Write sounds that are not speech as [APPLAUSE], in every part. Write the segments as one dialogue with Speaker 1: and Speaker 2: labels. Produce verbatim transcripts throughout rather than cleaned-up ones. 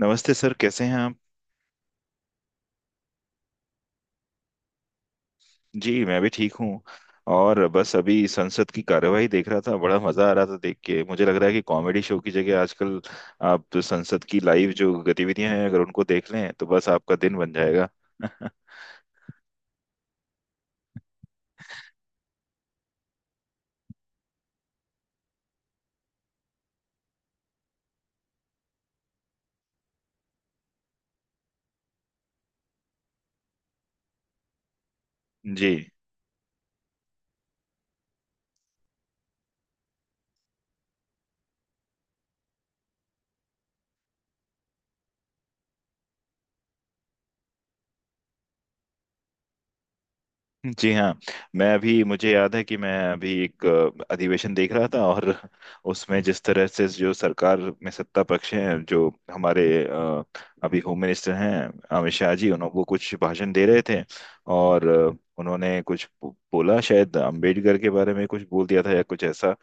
Speaker 1: नमस्ते सर कैसे हैं आप। जी मैं भी ठीक हूँ। और बस अभी संसद की कार्यवाही देख रहा था, बड़ा मजा आ रहा था देख के। मुझे लग रहा है कि कॉमेडी शो की जगह आजकल आप तो संसद की लाइव जो गतिविधियां हैं अगर उनको देख लें तो बस आपका दिन बन जाएगा। [LAUGHS] जी। जी हाँ, मैं अभी, मुझे याद है कि मैं अभी एक अ, अधिवेशन देख रहा था और उसमें जिस तरह से जो सरकार में सत्ता पक्ष हैं, जो हमारे अ, अभी होम मिनिस्टर हैं अमित शाह जी, उन्होंने वो कुछ भाषण दे रहे थे और अ, उन्होंने कुछ बो- बोला, शायद अंबेडकर के बारे में कुछ बोल दिया था या कुछ ऐसा।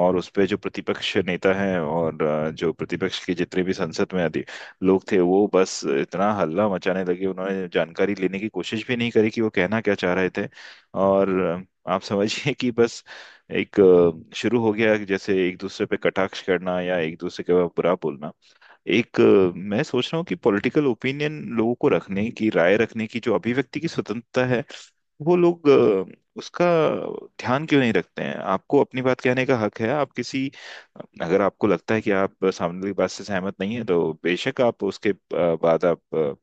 Speaker 1: और उस पे जो प्रतिपक्ष नेता हैं और अ, जो प्रतिपक्ष के जितने भी संसद में लोग थे, वो बस इतना हल्ला मचाने लगे, उन्होंने जानकारी लेने की कोशिश भी नहीं करी कि वो कहना क्या चाह रहे थे। और आप समझिए कि बस एक अ, शुरू हो गया कि जैसे एक दूसरे पे कटाक्ष करना या एक दूसरे के बारे बुरा बोलना। एक अ, मैं सोच रहा हूँ कि पॉलिटिकल ओपिनियन लोगों को रखने की, राय रखने की जो अभिव्यक्ति की स्वतंत्रता है, वो लोग अ, उसका ध्यान क्यों नहीं रखते हैं। आपको अपनी बात कहने का हक है, आप किसी, अगर आपको लगता है कि आप सामने वाली बात से सहमत नहीं है तो बेशक आप उसके अ, बाद आप अ,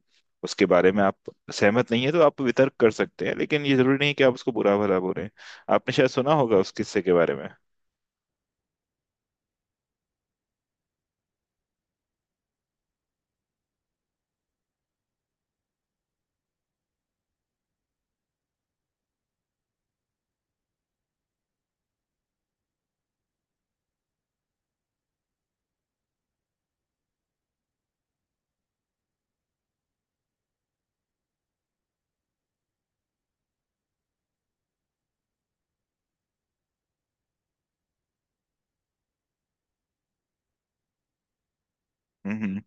Speaker 1: उसके बारे में आप सहमत नहीं है तो आप वितर्क कर सकते हैं, लेकिन ये जरूरी नहीं कि आप उसको बुरा भला बोलें। आपने शायद सुना होगा उस किस्से के बारे में।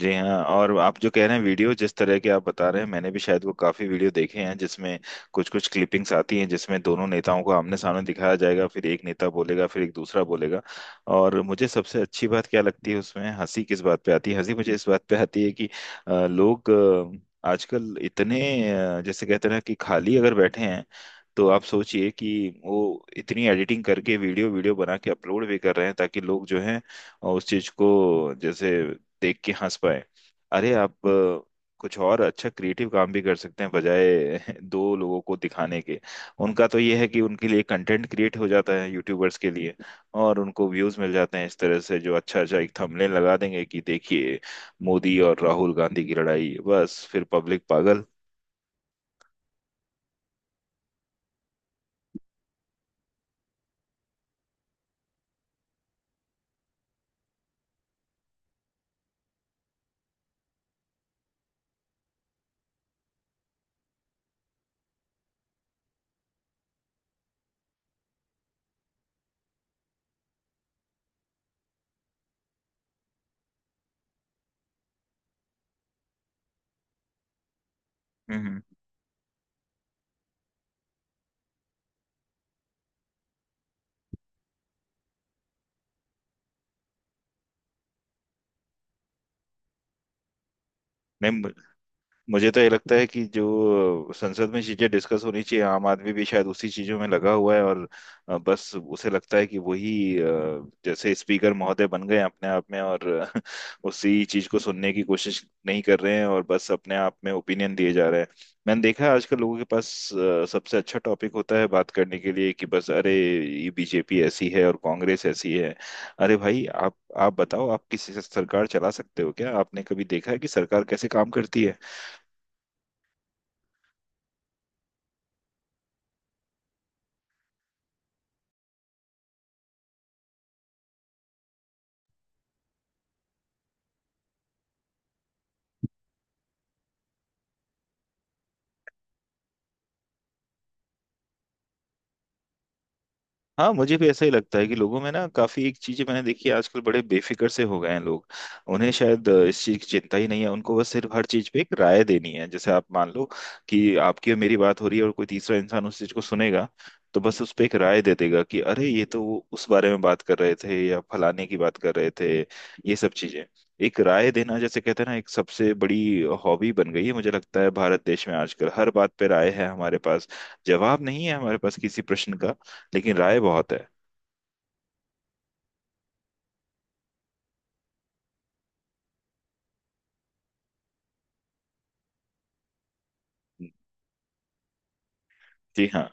Speaker 1: जी हाँ। और आप जो कह रहे हैं, वीडियो जिस तरह के आप बता रहे हैं, मैंने भी शायद वो काफी वीडियो देखे हैं जिसमें कुछ कुछ क्लिपिंग्स आती हैं जिसमें दोनों नेताओं को आमने सामने दिखाया जाएगा, फिर एक नेता बोलेगा फिर एक दूसरा बोलेगा। और मुझे सबसे अच्छी बात क्या लगती है उसमें, हंसी किस बात पे आती है? हंसी मुझे इस बात पे आती है कि अ, लोग अ, आजकल इतने अ, जैसे कहते हैं ना कि खाली अगर बैठे हैं तो आप सोचिए कि वो इतनी एडिटिंग करके वीडियो वीडियो बना के अपलोड भी कर रहे हैं ताकि लोग जो हैं अ, उस चीज को जैसे देख के हंस पाए। अरे आप अ, कुछ और अच्छा क्रिएटिव काम भी कर सकते हैं बजाय [LAUGHS] दो लोगों को दिखाने के। उनका तो ये है कि उनके लिए कंटेंट क्रिएट हो जाता है यूट्यूबर्स के लिए, और उनको व्यूज मिल जाते हैं इस तरह से, जो अच्छा अच्छा एक थंबनेल लगा देंगे कि देखिए मोदी और राहुल गांधी की लड़ाई, बस फिर पब्लिक पागल। हम्म। नहीं, मुझे तो ये लगता है कि जो संसद में चीजें डिस्कस होनी चाहिए, आम आदमी भी शायद उसी चीजों में लगा हुआ है और अ, बस उसे लगता है कि वही अ, जैसे स्पीकर महोदय बन गए हैं अपने आप में और [LAUGHS] अ, उसी चीज को सुनने की कोशिश नहीं कर रहे हैं और बस अपने आप में ओपिनियन दिए जा रहे हैं। मैंने देखा है आजकल लोगों के पास अ, सबसे अच्छा टॉपिक होता है बात करने के लिए कि बस अरे ये बीजेपी ऐसी है और कांग्रेस ऐसी है। अरे भाई आप, आप बताओ, आप किसी से सरकार चला सकते हो क्या? आपने कभी देखा है कि सरकार कैसे काम करती है? हाँ, मुझे भी ऐसा ही लगता है कि लोगों में ना काफी एक चीजें मैंने देखी है, आजकल बड़े बेफिक्र से हो गए हैं लोग। उन्हें शायद अ, इस चीज की चिंता ही नहीं है, उनको बस सिर्फ हर चीज पे एक राय देनी है। जैसे आप मान लो कि आपकी और मेरी बात हो रही है और कोई तीसरा इंसान उस चीज को सुनेगा तो बस उस पे एक राय दे देगा कि अरे ये तो वो उस बारे में बात कर रहे थे या फलाने की बात कर रहे थे। ये सब चीजें, एक राय देना, जैसे कहते हैं ना, एक सबसे बड़ी हॉबी बन गई है मुझे लगता है भारत देश में। आजकल हर बात पे राय है हमारे पास, जवाब नहीं है हमारे पास किसी प्रश्न का, लेकिन राय बहुत है। जी हाँ।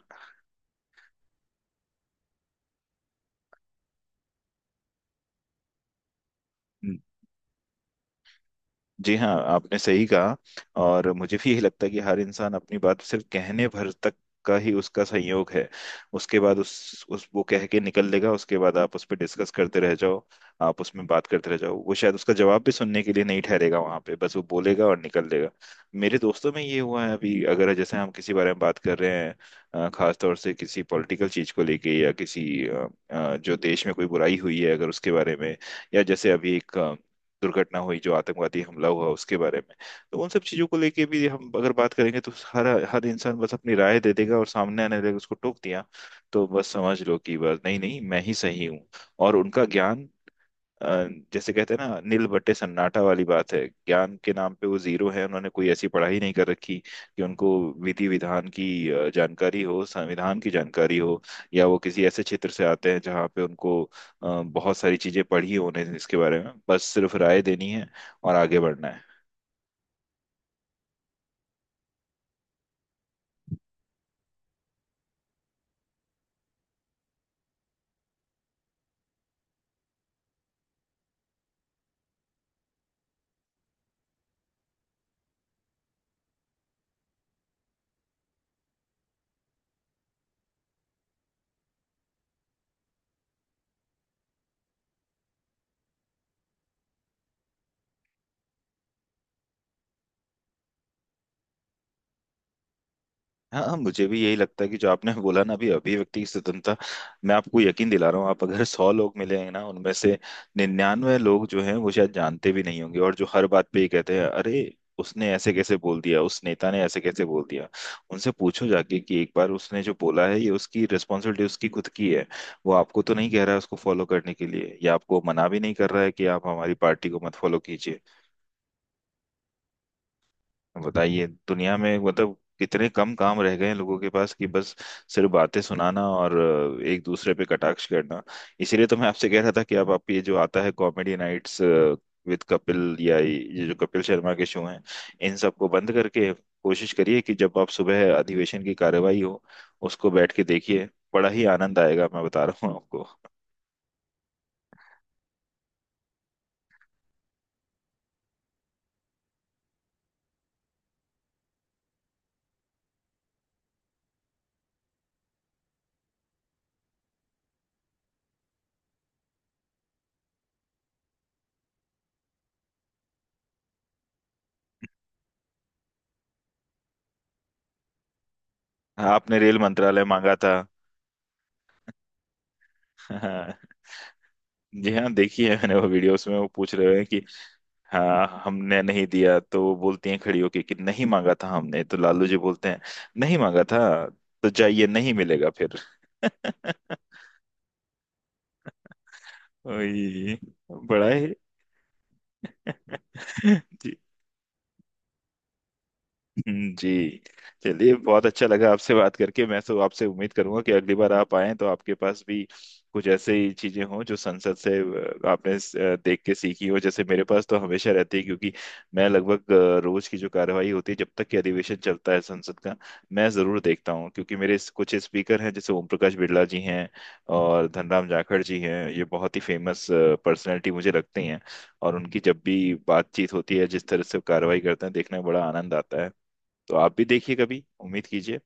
Speaker 1: जी हाँ, आपने सही कहा। और मुझे भी यही लगता है कि हर इंसान अपनी बात सिर्फ कहने भर तक का ही उसका संयोग है। उसके बाद उस उस वो कह के निकल देगा, उसके बाद आप उस पर डिस्कस करते रह जाओ, आप उसमें बात करते रह जाओ, वो शायद उसका जवाब भी सुनने के लिए नहीं ठहरेगा वहां पे, बस वो बोलेगा और निकल देगा। मेरे दोस्तों में ये हुआ है, अभी अगर जैसे हम किसी बारे में बात कर रहे हैं अ, खास तौर से किसी पॉलिटिकल चीज को लेके या किसी अ, अ, जो देश में कोई बुराई हुई है अगर उसके बारे में, या जैसे अभी एक दुर्घटना हुई जो आतंकवादी हमला हुआ उसके बारे में, तो उन सब चीजों को लेके भी हम अगर बात करेंगे तो हर हर इंसान बस अपनी राय दे देगा और सामने आने देगा उसको टोक दिया। तो बस समझ लो कि बस, नहीं नहीं मैं ही सही हूँ, और उनका ज्ञान, अ, जैसे कहते हैं ना नील बट्टे सन्नाटा वाली बात है, ज्ञान के नाम पे वो जीरो है। उन्होंने कोई ऐसी पढ़ाई नहीं कर रखी कि उनको विधि विधान की अ, जानकारी हो, संविधान की जानकारी हो, या वो किसी ऐसे क्षेत्र से आते हैं जहाँ पे उनको अ, बहुत सारी चीजें पढ़ी होने। इसके बारे में बस सिर्फ राय देनी है और आगे बढ़ना है। हाँ हाँ, मुझे भी यही लगता है कि जो आपने [LAUGHS] बोला ना अभी, अभिव्यक्ति की स्वतंत्रता। मैं आपको यकीन दिला रहा हूँ, आप अगर सौ लोग मिले हैं ना, उनमें से निन्यानवे लोग जो हैं वो शायद जानते भी नहीं होंगे, और जो हर बात पे ये कहते हैं, अरे उसने ऐसे कैसे बोल दिया, उस नेता ने ऐसे कैसे बोल दिया, उनसे पूछो जाके कि एक बार। उसने जो बोला है ये उसकी रिस्पॉन्सिबिलिटी उसकी खुद की है, वो आपको तो नहीं कह रहा है उसको फॉलो करने के लिए, या आपको मना भी नहीं कर रहा है कि आप हमारी पार्टी को मत फॉलो कीजिए। बताइए दुनिया में मतलब कितने कम काम रह गए हैं लोगों के पास कि बस सिर्फ बातें सुनाना और अ, एक दूसरे पे कटाक्ष करना। इसीलिए तो मैं आपसे कह रहा था कि आप आप ये जो आता है कॉमेडी नाइट्स विद कपिल या ये जो कपिल शर्मा के शो हैं, इन सबको बंद करके कोशिश करिए कि जब आप, सुबह अधिवेशन की कार्यवाही हो, उसको बैठ के देखिए, बड़ा ही आनंद आएगा, मैं बता रहा हूँ आपको। आपने रेल मंत्रालय मांगा था। [LAUGHS] जी हाँ, देखी है मैंने वो वीडियो, उसमें वो पूछ रहे हैं कि, हाँ हमने नहीं दिया, तो वो बोलती हैं खड़ी होके कि नहीं मांगा था हमने, तो लालू जी बोलते हैं नहीं मांगा था, तो जाइए नहीं मिलेगा फिर। [LAUGHS] वही, बड़ा ही [LAUGHS] जी। [LAUGHS] हम्म, जी। चलिए, बहुत अच्छा लगा आपसे बात करके। मैं तो आपसे उम्मीद करूंगा कि अगली बार आप आएं तो आपके पास भी कुछ ऐसे ही चीजें हों जो संसद से अ, आपने स- अ, देख के सीखी हो, जैसे मेरे पास तो हमेशा रहती है, क्योंकि मैं लगभग अ, रोज की जो कार्यवाही होती है जब तक कि अधिवेशन चलता है संसद का, मैं जरूर देखता हूँ, क्योंकि मेरे इस- कुछ स्पीकर हैं जैसे ओम प्रकाश बिरला जी हैं और धनराम जाखड़ जी हैं, ये बहुत ही फेमस पर्सनैलिटी मुझे लगती हैं, और उनकी जब भी बातचीत होती है जिस तरह से वो कार्रवाई करते हैं, देखने में बड़ा आनंद आता है। तो आप भी देखिए कभी, उम्मीद कीजिए।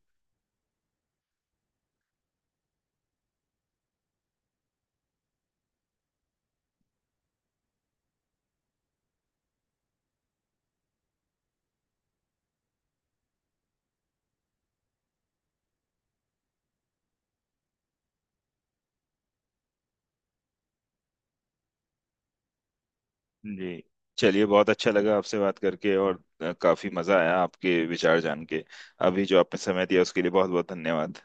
Speaker 1: जी। चलिए बहुत अच्छा लगा आपसे बात करके, और अ, काफी मजा आया आपके विचार जान के। अभी जो आपने समय दिया उसके लिए बहुत बहुत धन्यवाद।